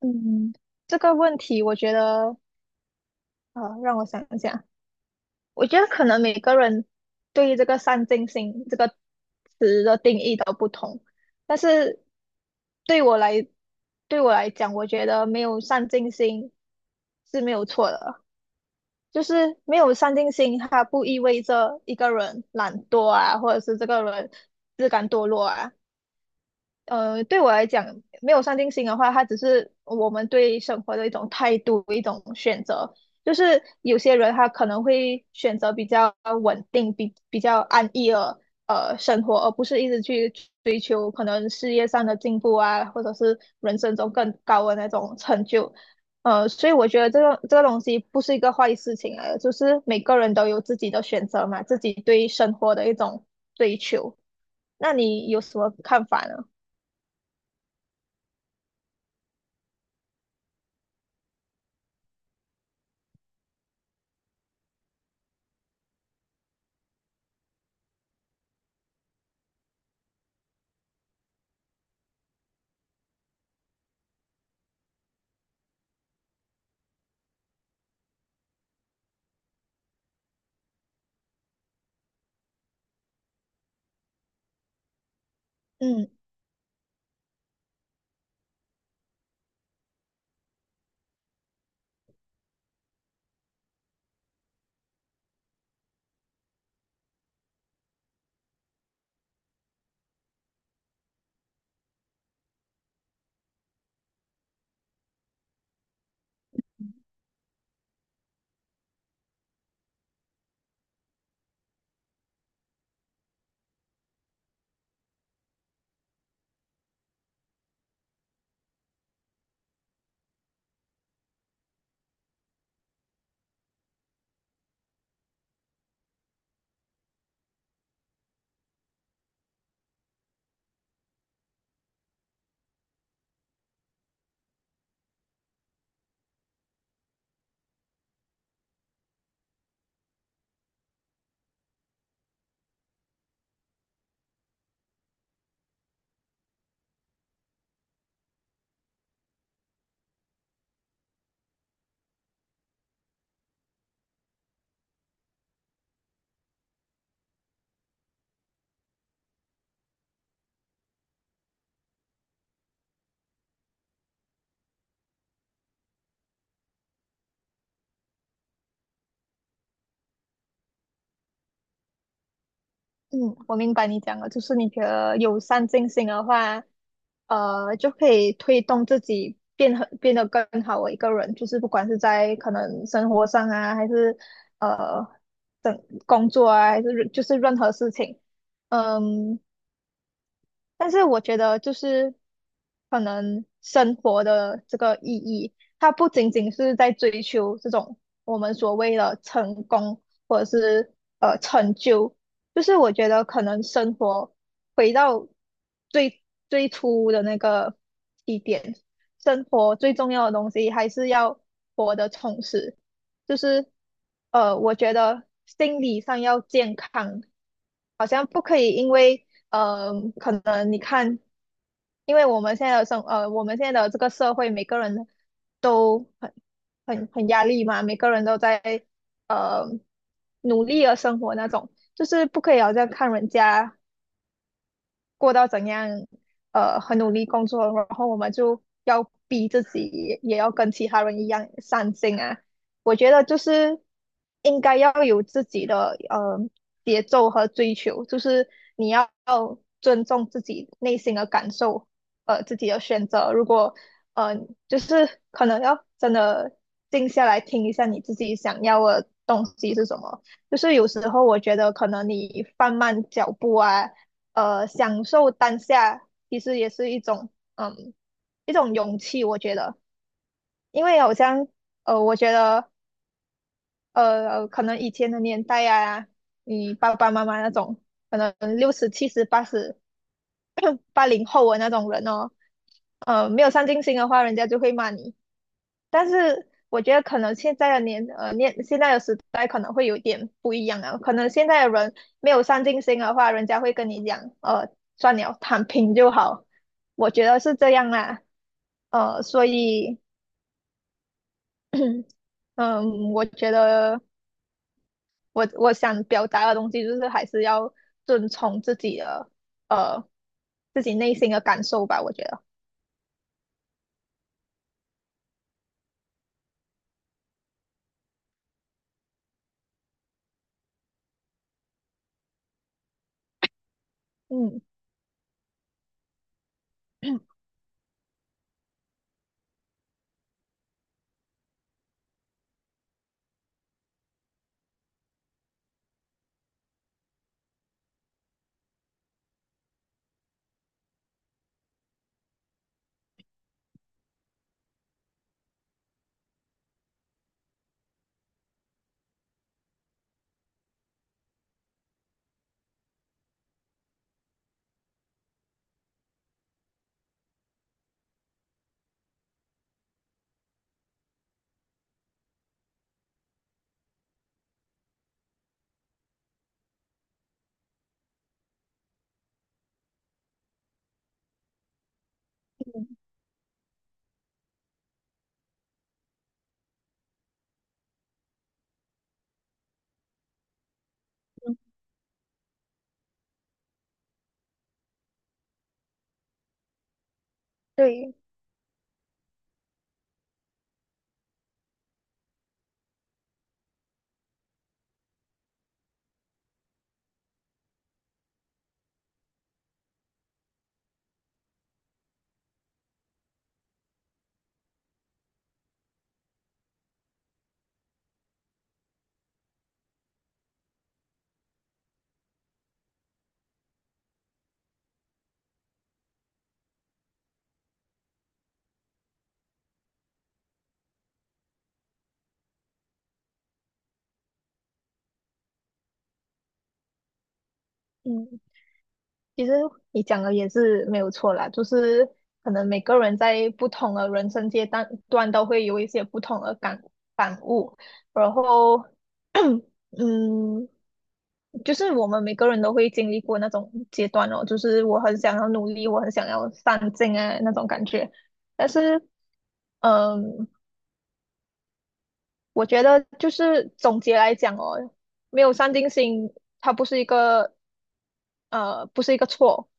嗯，这个问题我觉得，让我想一想。我觉得可能每个人对于这个“上进心”这个词的定义都不同，但是对我来，对我来讲，我觉得没有上进心是没有错的。就是没有上进心，它不意味着一个人懒惰啊，或者是这个人自甘堕落啊。对我来讲，没有上进心的话，它只是我们对生活的一种态度，一种选择。就是有些人他可能会选择比较稳定、比较安逸的生活，而不是一直去追求可能事业上的进步啊，或者是人生中更高的那种成就。所以我觉得这个东西不是一个坏事情来的，就是每个人都有自己的选择嘛，自己对生活的一种追求。那你有什么看法呢？嗯。嗯，我明白你讲的，就是你觉得友善进行的话，就可以推动自己变得更好的一个人，就是不管是在可能生活上啊，还是等工作啊，还是就是任何事情。嗯，但是我觉得就是可能生活的这个意义，它不仅仅是在追求这种我们所谓的成功或者是成就。就是我觉得可能生活回到最最初的那个起点，生活最重要的东西还是要活得充实。就是我觉得心理上要健康。好像不可以，因为可能你看，因为我们现在的生呃，我们现在的这个社会，每个人都很很压力嘛，每个人都在呃努力的生活那种，就是不可以好像看人家过到怎样，很努力工作，然后我们就要逼自己，也要跟其他人一样上进啊。我觉得就是应该要有自己的节奏和追求，就是你要尊重自己内心的感受，自己的选择。如果呃，就是可能要真的静下来听一下你自己想要的东西是什么。就是有时候我觉得可能你放慢脚步啊。享受当下其实也是一种，嗯，一种勇气，我觉得。因为好像，呃，我觉得，呃，可能以前的年代啊，你爸爸妈妈那种，可能六十、七十、八十、八零 后的那种人哦，没有上进心的话，人家就会骂你；但是我觉得可能现在的时代可能会有点不一样啊，可能现在的人没有上进心的话，人家会跟你讲，算了，躺平就好。我觉得是这样啊。所以嗯，我觉得我想表达的东西就是还是要遵从自己的呃自己内心的感受吧，我觉得。嗯，嗯嗯，对，嗯。其实你讲的也是没有错啦，就是可能每个人在不同的人生阶段都会有一些不同的感悟，然后，嗯，就是我们每个人都会经历过那种阶段哦，就是我很想要努力，我很想要上进啊那种感觉。但是，嗯，我觉得就是总结来讲哦，没有上进心，它不是一个不是一个错，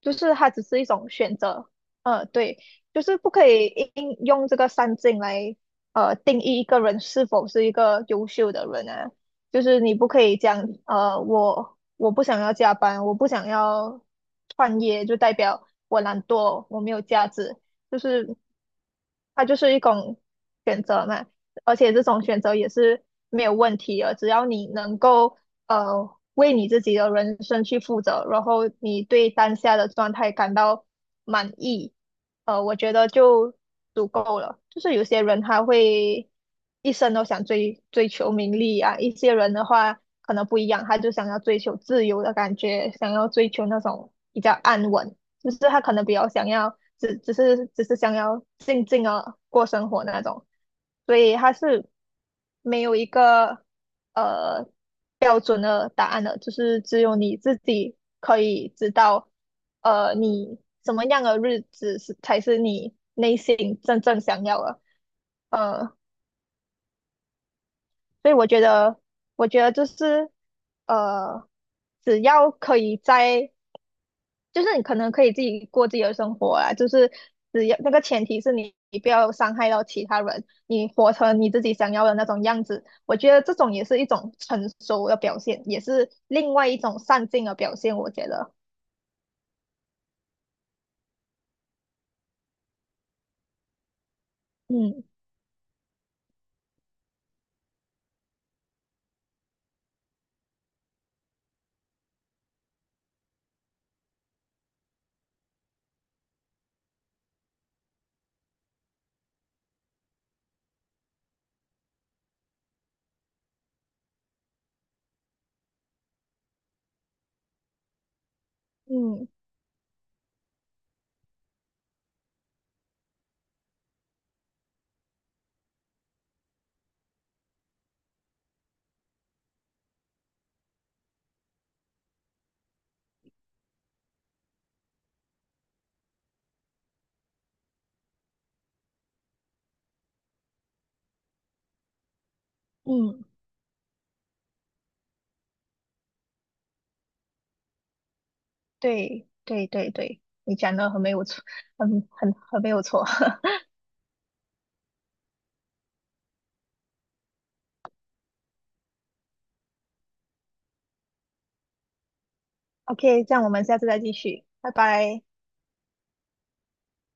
就是它只是一种选择。对。就是不可以应用这个三禁来定义一个人是否是一个优秀的人啊。就是你不可以讲我不想要加班，我不想要创业，就代表我懒惰，我没有价值。就是它就是一种选择嘛，而且这种选择也是没有问题的，只要你能够呃为你自己的人生去负责，然后你对当下的状态感到满意。我觉得就足够了。就是有些人他会一生都想追求名利啊，一些人的话可能不一样，他就想要追求自由的感觉，想要追求那种比较安稳。就是他可能比较想要只是想要静静的过生活那种，所以他是没有一个呃标准的答案的，就是只有你自己可以知道。你什么样的日子是才是你内心真正想要的。呃，所以我觉得，我觉得就是呃，只要可以在就是你可能可以自己过自己的生活啊，就是只要那个前提是你不要伤害到其他人，你活成你自己想要的那种样子。我觉得这种也是一种成熟的表现，也是另外一种上进的表现。我觉得，嗯嗯嗯，对对对对，你讲的很没有错，很很没有错。OK,这样我们下次再继续，拜拜。